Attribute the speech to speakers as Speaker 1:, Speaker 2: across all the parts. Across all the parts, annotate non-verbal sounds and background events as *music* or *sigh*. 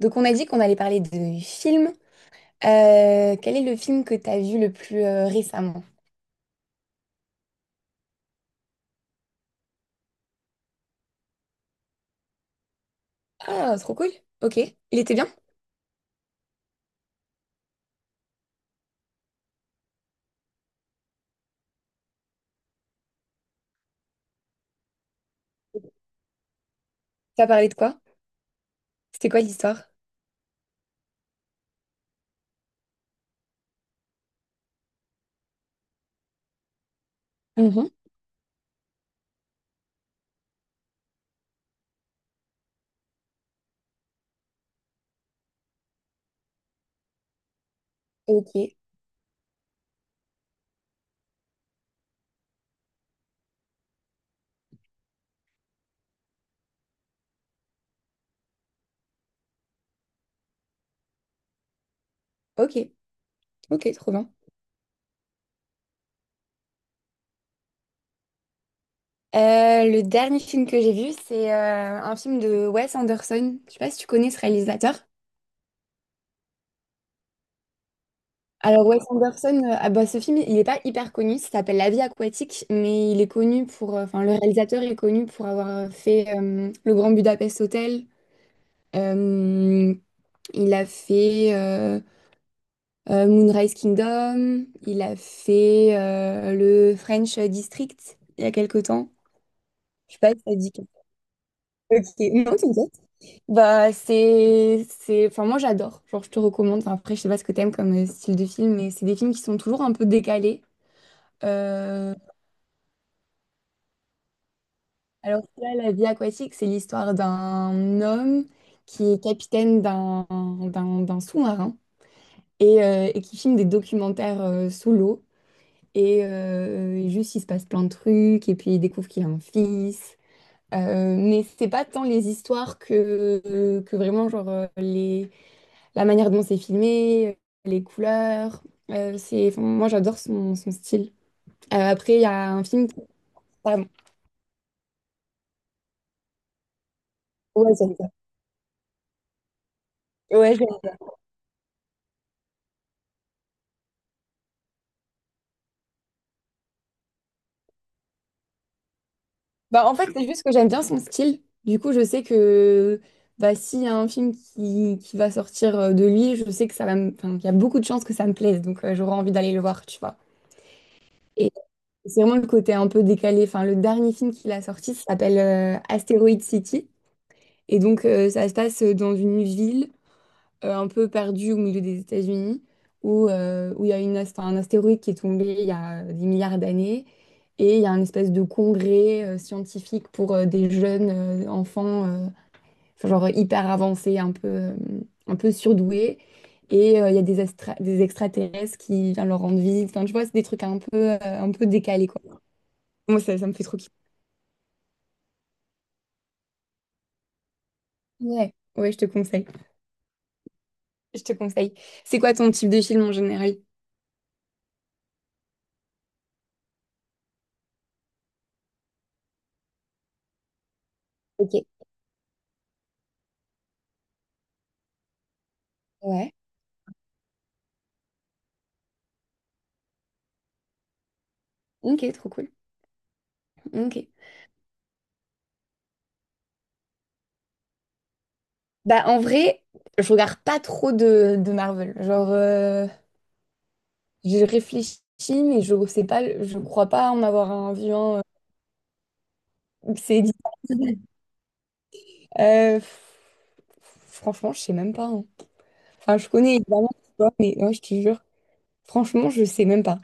Speaker 1: Donc on a dit qu'on allait parler de films. Quel est le film que t'as vu le plus récemment? Ah, trop cool. Ok. Il était bien? T'as parlé de quoi? C'était quoi l'histoire? Mhm. Ok. Ok. Ok, trop bien. Le dernier film que j'ai vu, c'est un film de Wes Anderson. Je sais pas si tu connais ce réalisateur. Alors Wes Anderson, ah bah, ce film, il n'est pas hyper connu. Ça s'appelle La vie aquatique, mais il est connu pour, enfin le réalisateur est connu pour avoir fait Le Grand Budapest Hotel. Euh, Il a fait Moonrise Kingdom, il a fait le French District il y a quelque temps. Je sais pas si ça te dit quelque chose. Ok, non, t'inquiète. Bah, c'est... Enfin, moi, j'adore. Genre, je te recommande. Enfin, après, je sais pas ce que t'aimes comme style de film, mais c'est des films qui sont toujours un peu décalés. Euh, Alors que là, La vie aquatique, c'est l'histoire d'un homme qui est capitaine d'un sous-marin et qui filme des documentaires sous l'eau. Et juste, il se passe plein de trucs, et puis il découvre qu'il a un fils. Mais c'est pas tant les histoires que vraiment, genre, la manière dont c'est filmé, les couleurs. C'est, enfin, moi, j'adore son style. Après, il y a un film. Pardon. Ouais, j'aime ça. Bah, en fait, c'est juste que j'aime bien son style. Du coup, je sais que bah, s'il y a un film qui va sortir de lui, je sais que ça va me... enfin, qu'il y a beaucoup de chances que ça me plaise. Donc, j'aurai envie d'aller le voir, tu vois. C'est vraiment le côté un peu décalé. Enfin, le dernier film qu'il a sorti s'appelle Asteroid City. Et donc, ça se passe dans une ville un peu perdue au milieu des États-Unis, où où il y a enfin, un astéroïde qui est tombé il y a des milliards d'années. Et il y a une espèce de congrès scientifique pour des jeunes enfants, enfin, genre hyper avancés, un peu surdoués. Et il y a des extraterrestres qui viennent leur rendre visite. Enfin, tu vois, c'est des trucs un peu décalés, quoi. Moi, ça me fait trop kiffer. Ouais, ouais, je te conseille. Je te conseille. C'est quoi ton type de film en général? Ok. Ouais. Ok, trop cool. Ok. Bah, en vrai, je regarde pas trop de Marvel. Genre, je réfléchis, mais je sais pas, je crois pas en avoir un vu un. C'est difficile. *laughs* Pff, franchement, je sais même pas. Hein. Enfin, je connais évidemment, tu vois, mais ouais, je te jure, franchement, je sais même pas.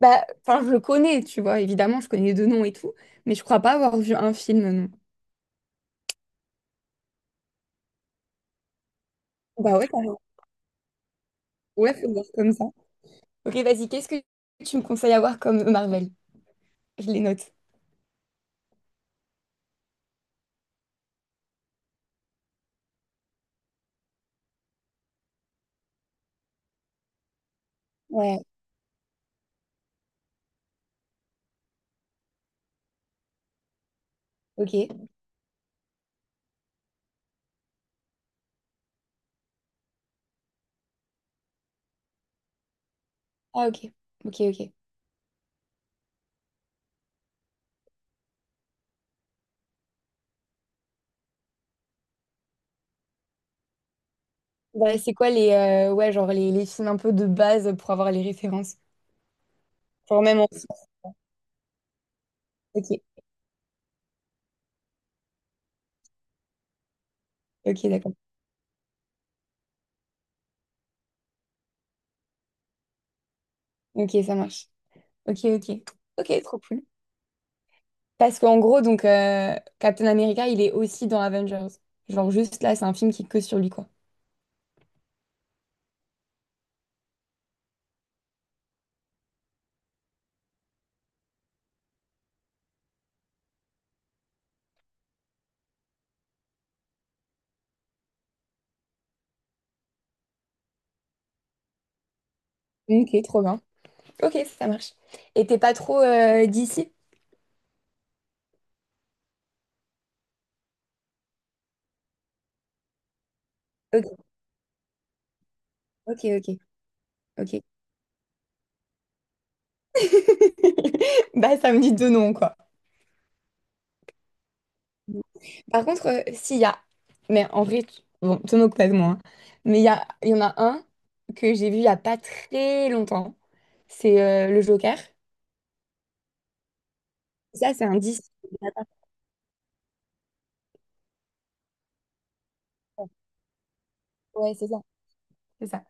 Speaker 1: Bah, enfin, je le connais, tu vois, évidemment, je connais deux noms et tout, mais je crois pas avoir vu un film, non. Bah ouais. Ouais, faut le voir comme ça. Ok, vas-y, qu'est-ce que tu me conseilles à voir comme Marvel? Je les note. Ouais. Ok. Ah, ok. Ok, ok. Bah, c'est quoi ouais, genre les films un peu de base pour avoir les références? Genre même en... Ok, ok, d'accord. Ok, ça marche. Ok, ok. Ok, trop cool. Parce qu'en gros, donc, Captain America, il est aussi dans Avengers. Genre, juste là, c'est un film qui est que sur lui, quoi. Ok, trop bien. Ok, ça marche. Et t'es pas trop d'ici? Ok, ok, ok, ok. *laughs* Bah, ça me dit deux noms, quoi. Par contre, mais en vrai, tu- bon, te moque pas de moi, hein. Mais il y en a un que j'ai vu il y a pas très longtemps. C'est le Joker. Ça, c'est un 10. Ouais, c'est ça, c'est ça.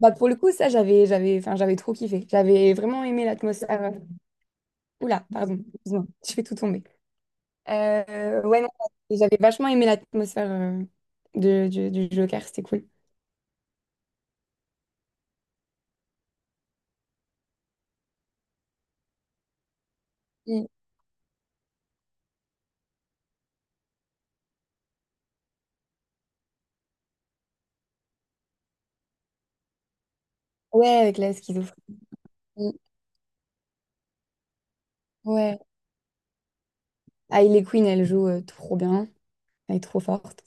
Speaker 1: Bah pour le coup, ça, enfin, j'avais trop kiffé. J'avais vraiment aimé l'atmosphère. Oula, pardon, excuse-moi, *laughs* je fais tout tomber. Ouais, non, j'avais vachement aimé l'atmosphère de du Joker, c'était cool. Mm. Ouais, avec la schizophrénie. Ouais. Hailey Quinn, elle joue trop bien. Elle est trop forte.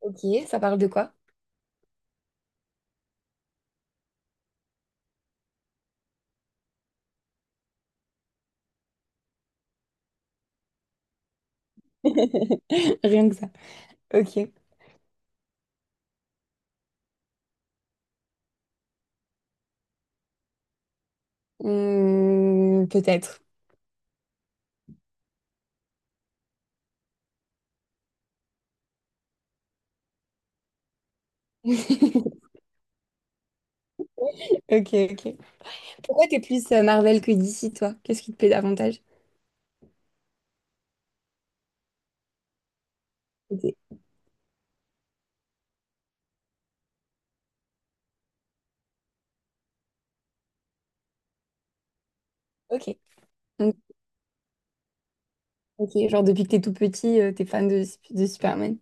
Speaker 1: Ok, ça parle de quoi? *laughs* Rien que ça. Ok. Hmm, peut-être. *laughs* Ok, ok. Pourquoi t'es plus Marvel que DC, toi? Qu'est-ce qui te plaît davantage? Ok. Ok. Donc, ok, genre depuis que t'es tout petit, t'es fan de Superman.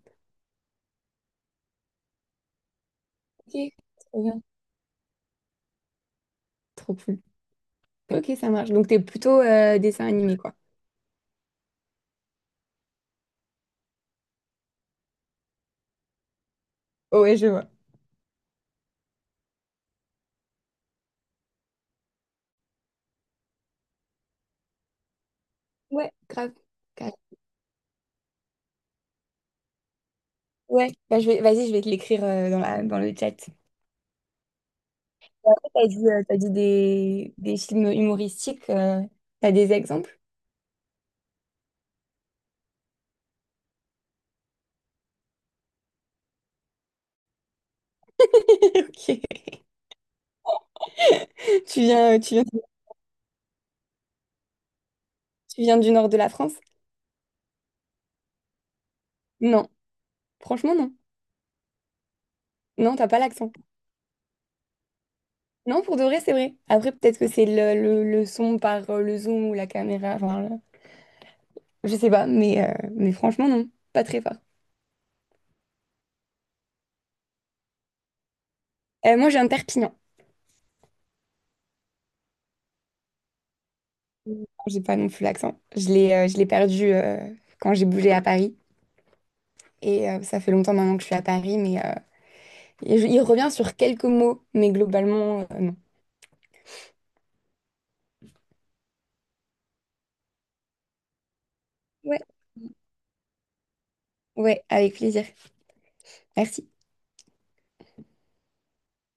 Speaker 1: Ok, trop bien. Trop cool. Ok, ça marche. Donc t'es plutôt dessin animé, quoi. Oh, ouais, je vois. Ouais, grave. Grave. Ouais, bah, je vais, vas-y, je vais te l'écrire dans le chat. T'as dit, des films humoristiques, t'as des exemples? *laughs* Ok. Tu viens, euh, tu viens, tu viens du nord de la France? Non, franchement non. Non, t'as pas l'accent. Non, pour de vrai, c'est vrai. Après, peut-être que c'est le son par le zoom ou la caméra. Enfin, le- je sais pas, mais franchement non, pas très fort. Moi, j'ai un Perpignan. J'ai pas non plus l'accent. Je l'ai perdu quand j'ai bougé à Paris. Et ça fait longtemps maintenant que je suis à Paris, mais il revient sur quelques mots, mais globalement, non. Ouais, ouais, avec plaisir. Merci.